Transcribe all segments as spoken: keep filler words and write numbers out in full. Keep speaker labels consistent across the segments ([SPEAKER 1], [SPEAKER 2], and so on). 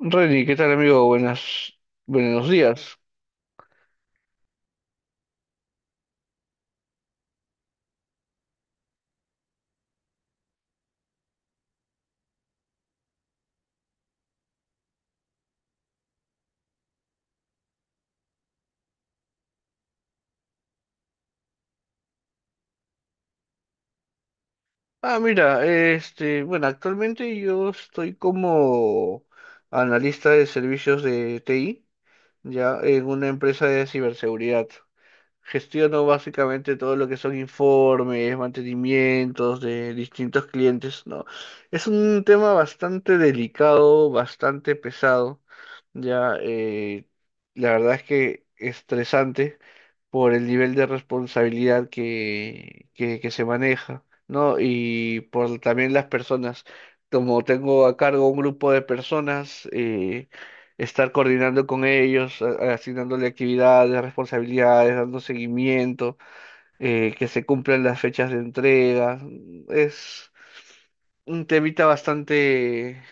[SPEAKER 1] Reni, ¿qué tal amigo? Buenas, buenos días. Ah, mira, este, bueno, actualmente yo estoy como analista de servicios de T I, ya en una empresa de ciberseguridad. Gestiono básicamente todo lo que son informes, mantenimientos de distintos clientes, ¿no? Es un tema bastante delicado, bastante pesado, ya, eh, la verdad es que estresante por el nivel de responsabilidad que, que, que se maneja, ¿no? Y por también las personas. Como tengo a cargo un grupo de personas, eh, estar coordinando con ellos, a- asignándole actividades, responsabilidades, dando seguimiento, eh, que se cumplan las fechas de entrega, es un temita bastante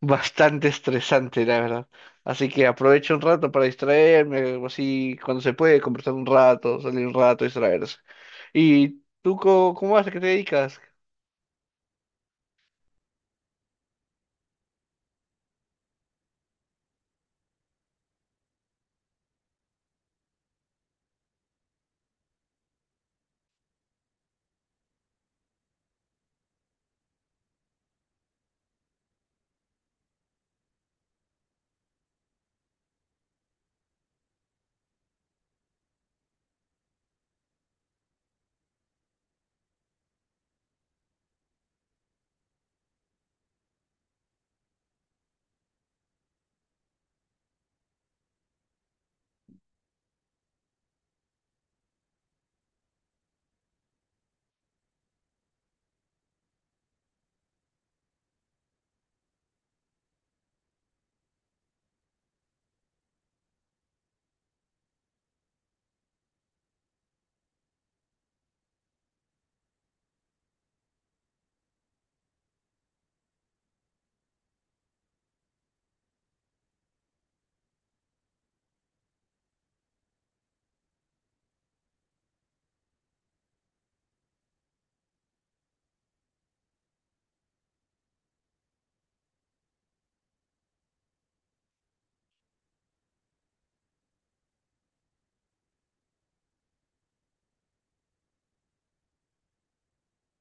[SPEAKER 1] bastante estresante, la verdad. Así que aprovecho un rato para distraerme, así cuando se puede, conversar un rato, salir un rato, distraerse. ¿Y tú co- cómo vas? ¿A qué te dedicas?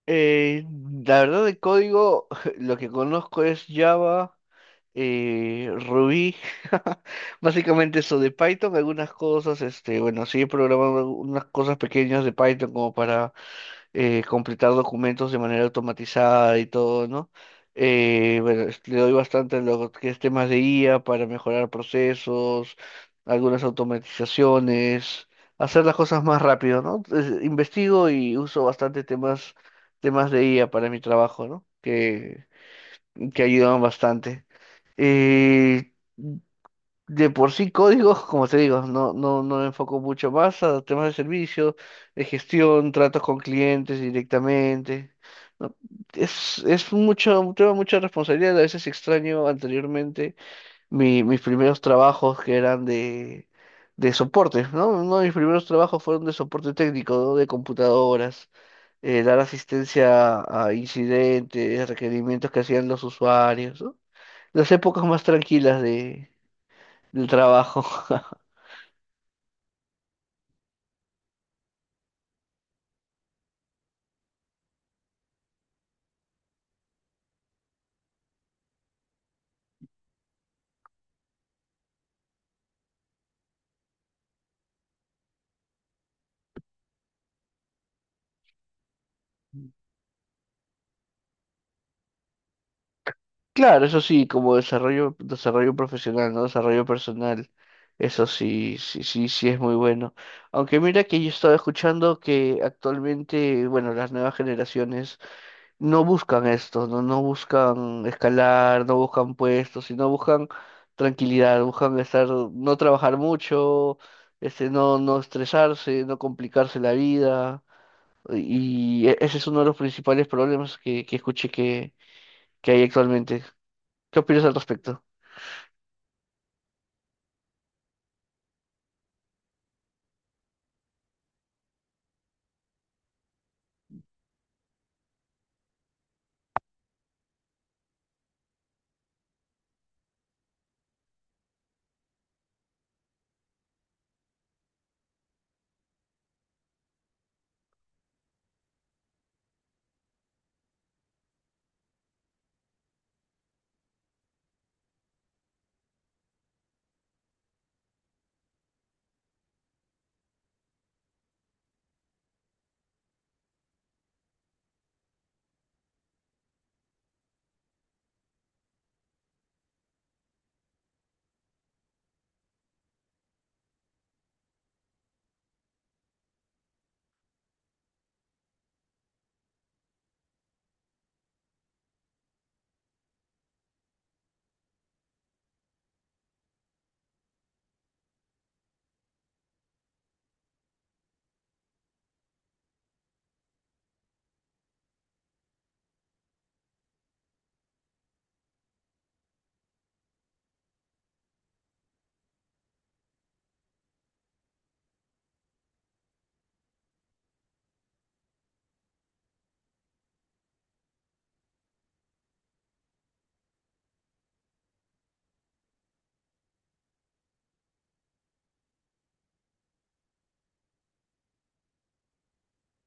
[SPEAKER 1] Eh, la verdad de código, lo que conozco es Java, eh, Ruby, básicamente eso de Python, algunas cosas, este, bueno, sí he programado unas cosas pequeñas de Python como para eh, completar documentos de manera automatizada y todo, ¿no? Eh, bueno, es- le doy bastante a lo que es temas de I A para mejorar procesos, algunas automatizaciones, hacer las cosas más rápido, ¿no? Entonces, investigo y uso bastante temas, temas de I A para mi trabajo, ¿no? Que, que ayudan bastante. Eh, de por sí códigos, como te digo, no, no, no me enfoco mucho más a temas de servicio, de gestión, tratos con clientes directamente. ¿No? Es, es mucho, un tema de mucha responsabilidad. A veces extraño anteriormente mi- mis primeros trabajos que eran de, de soporte, ¿no? Uno de mis primeros trabajos fueron de soporte técnico, ¿no? De computadoras, eh, dar asistencia a incidentes, requerimientos que hacían los usuarios, ¿no? Las épocas más tranquilas de, del trabajo. Claro, eso sí, como desarrollo, desarrollo profesional, ¿no? Desarrollo personal. Eso sí, sí, sí, sí es muy bueno. Aunque mira que yo estaba escuchando que actualmente, bueno, las nuevas generaciones no buscan esto, ¿no? No buscan escalar, no buscan puestos, sino buscan tranquilidad, buscan estar, no trabajar mucho, este, no, no estresarse, no complicarse la vida. Y e- ese es uno de los principales problemas que, que escuché que, que hay actualmente. ¿Qué opinas al respecto?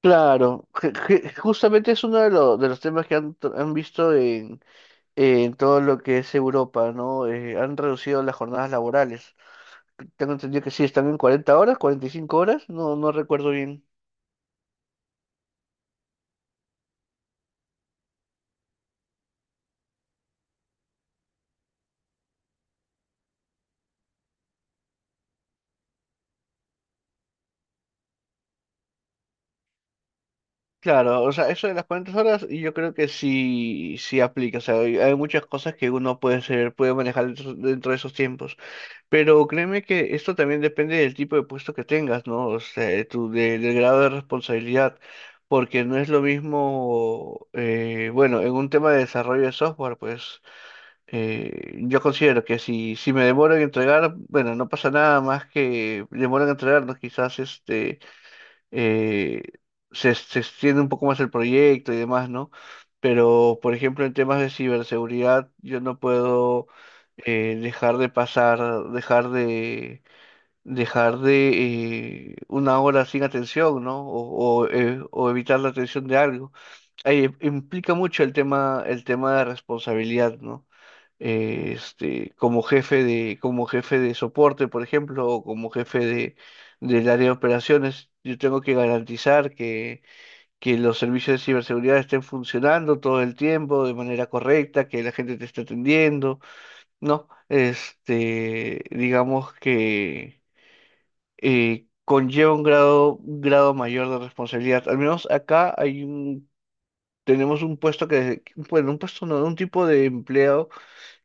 [SPEAKER 1] Claro, je- je- justamente es uno de, lo- de los temas que han, tr- han visto en, en todo lo que es Europa, ¿no? Eh, han reducido las jornadas laborales. Tengo entendido que sí, están en cuarenta horas, cuarenta y cinco horas, no, no recuerdo bien. Claro, o sea, eso de las cuarenta horas y yo creo que sí, sí aplica, o sea, hay hay muchas cosas que uno puede hacer, puede manejar dentro, dentro de esos tiempos. Pero créeme que esto también depende del tipo de puesto que tengas, ¿no? O sea, de tu, de- del grado de responsabilidad, porque no es lo mismo, eh, bueno, en un tema de desarrollo de software, pues eh, yo considero que si, si me demoro en entregar, bueno, no pasa nada más que demoro en entregarnos, quizás este eh, se, se extiende un poco más el proyecto y demás, ¿no? Pero, por ejemplo, en temas de ciberseguridad, yo no puedo eh, dejar de pasar, dejar de, dejar de eh, una hora sin atención, ¿no? O, o, eh, o evitar la atención de algo. Ahí implica mucho el tema, el tema de responsabilidad, ¿no? Eh, este, como jefe de, como jefe de soporte, por ejemplo, o como jefe de, del área de operaciones, yo tengo que garantizar que, que los servicios de ciberseguridad estén funcionando todo el tiempo de manera correcta, que la gente te esté atendiendo, ¿no? Este, digamos que eh, conlleva un grado, un grado mayor de responsabilidad. Al menos acá hay un, tenemos un puesto que, bueno, un puesto no, un tipo de empleo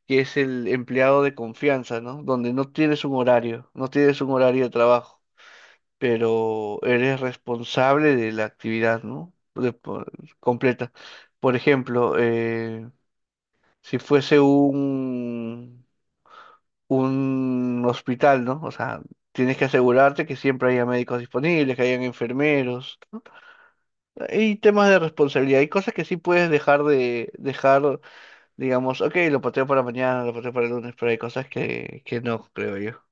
[SPEAKER 1] que es el empleado de confianza, ¿no? Donde no tienes un horario, no tienes un horario de trabajo, pero eres responsable de la actividad, ¿no? De po- completa. Por ejemplo, eh, si fuese un, un hospital, ¿no? O sea, tienes que asegurarte que siempre haya médicos disponibles, que hayan enfermeros, ¿no? Hay temas de responsabilidad, hay cosas que sí puedes dejar de dejar. Digamos, ok, lo pateo para mañana, lo pateo para el lunes, pero hay cosas que, que no, creo yo.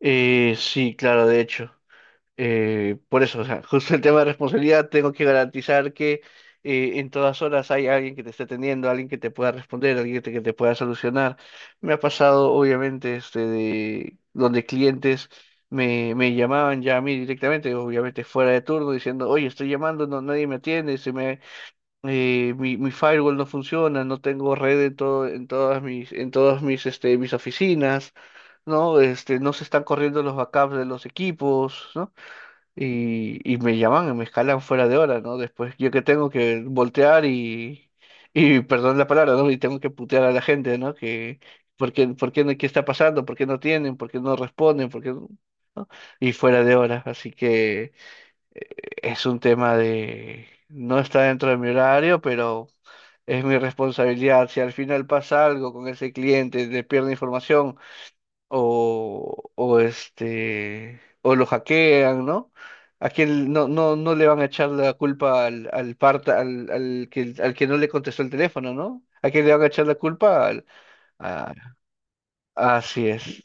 [SPEAKER 1] Eh, sí, claro, de hecho. Eh, por eso, o sea, justo el tema de responsabilidad, tengo que garantizar que eh, en todas horas hay alguien que te esté atendiendo, alguien que te pueda responder, alguien que te, que te pueda solucionar. Me ha pasado, obviamente, este, de donde clientes me, me llamaban ya a mí directamente, obviamente fuera de turno, diciendo, oye, estoy llamando, no, nadie me atiende, se me, eh, mi, mi firewall no funciona, no tengo red en todo, en todas mis, en todas mis, este, mis oficinas, ¿no? Este, no se están corriendo los backups de los equipos, ¿no? Y, y me llaman y me escalan fuera de hora, ¿no? Después yo que tengo que voltear y, y perdón la palabra, ¿no? Y tengo que putear a la gente, ¿no? Que, ¿por qué, por qué, no- qué está pasando? ¿Por qué no tienen? ¿Por qué no responden? ¿Por qué no? ¿No? Y fuera de hora, así que eh, es un tema de. No está dentro de mi horario, pero es mi responsabilidad. Si al final pasa algo con ese cliente, le pierde información o, o este o lo hackean, ¿no? A quién no, no, no le van a echar la culpa al, al parta, al, al que al que no le contestó el teléfono, ¿no? ¿A quién le van a echar la culpa? Al, a- Así es.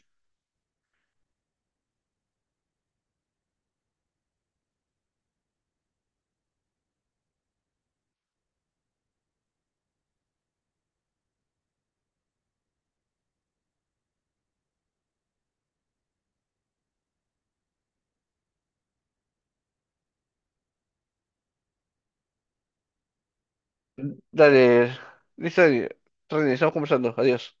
[SPEAKER 1] Dale, listo, René, estamos conversando. Adiós.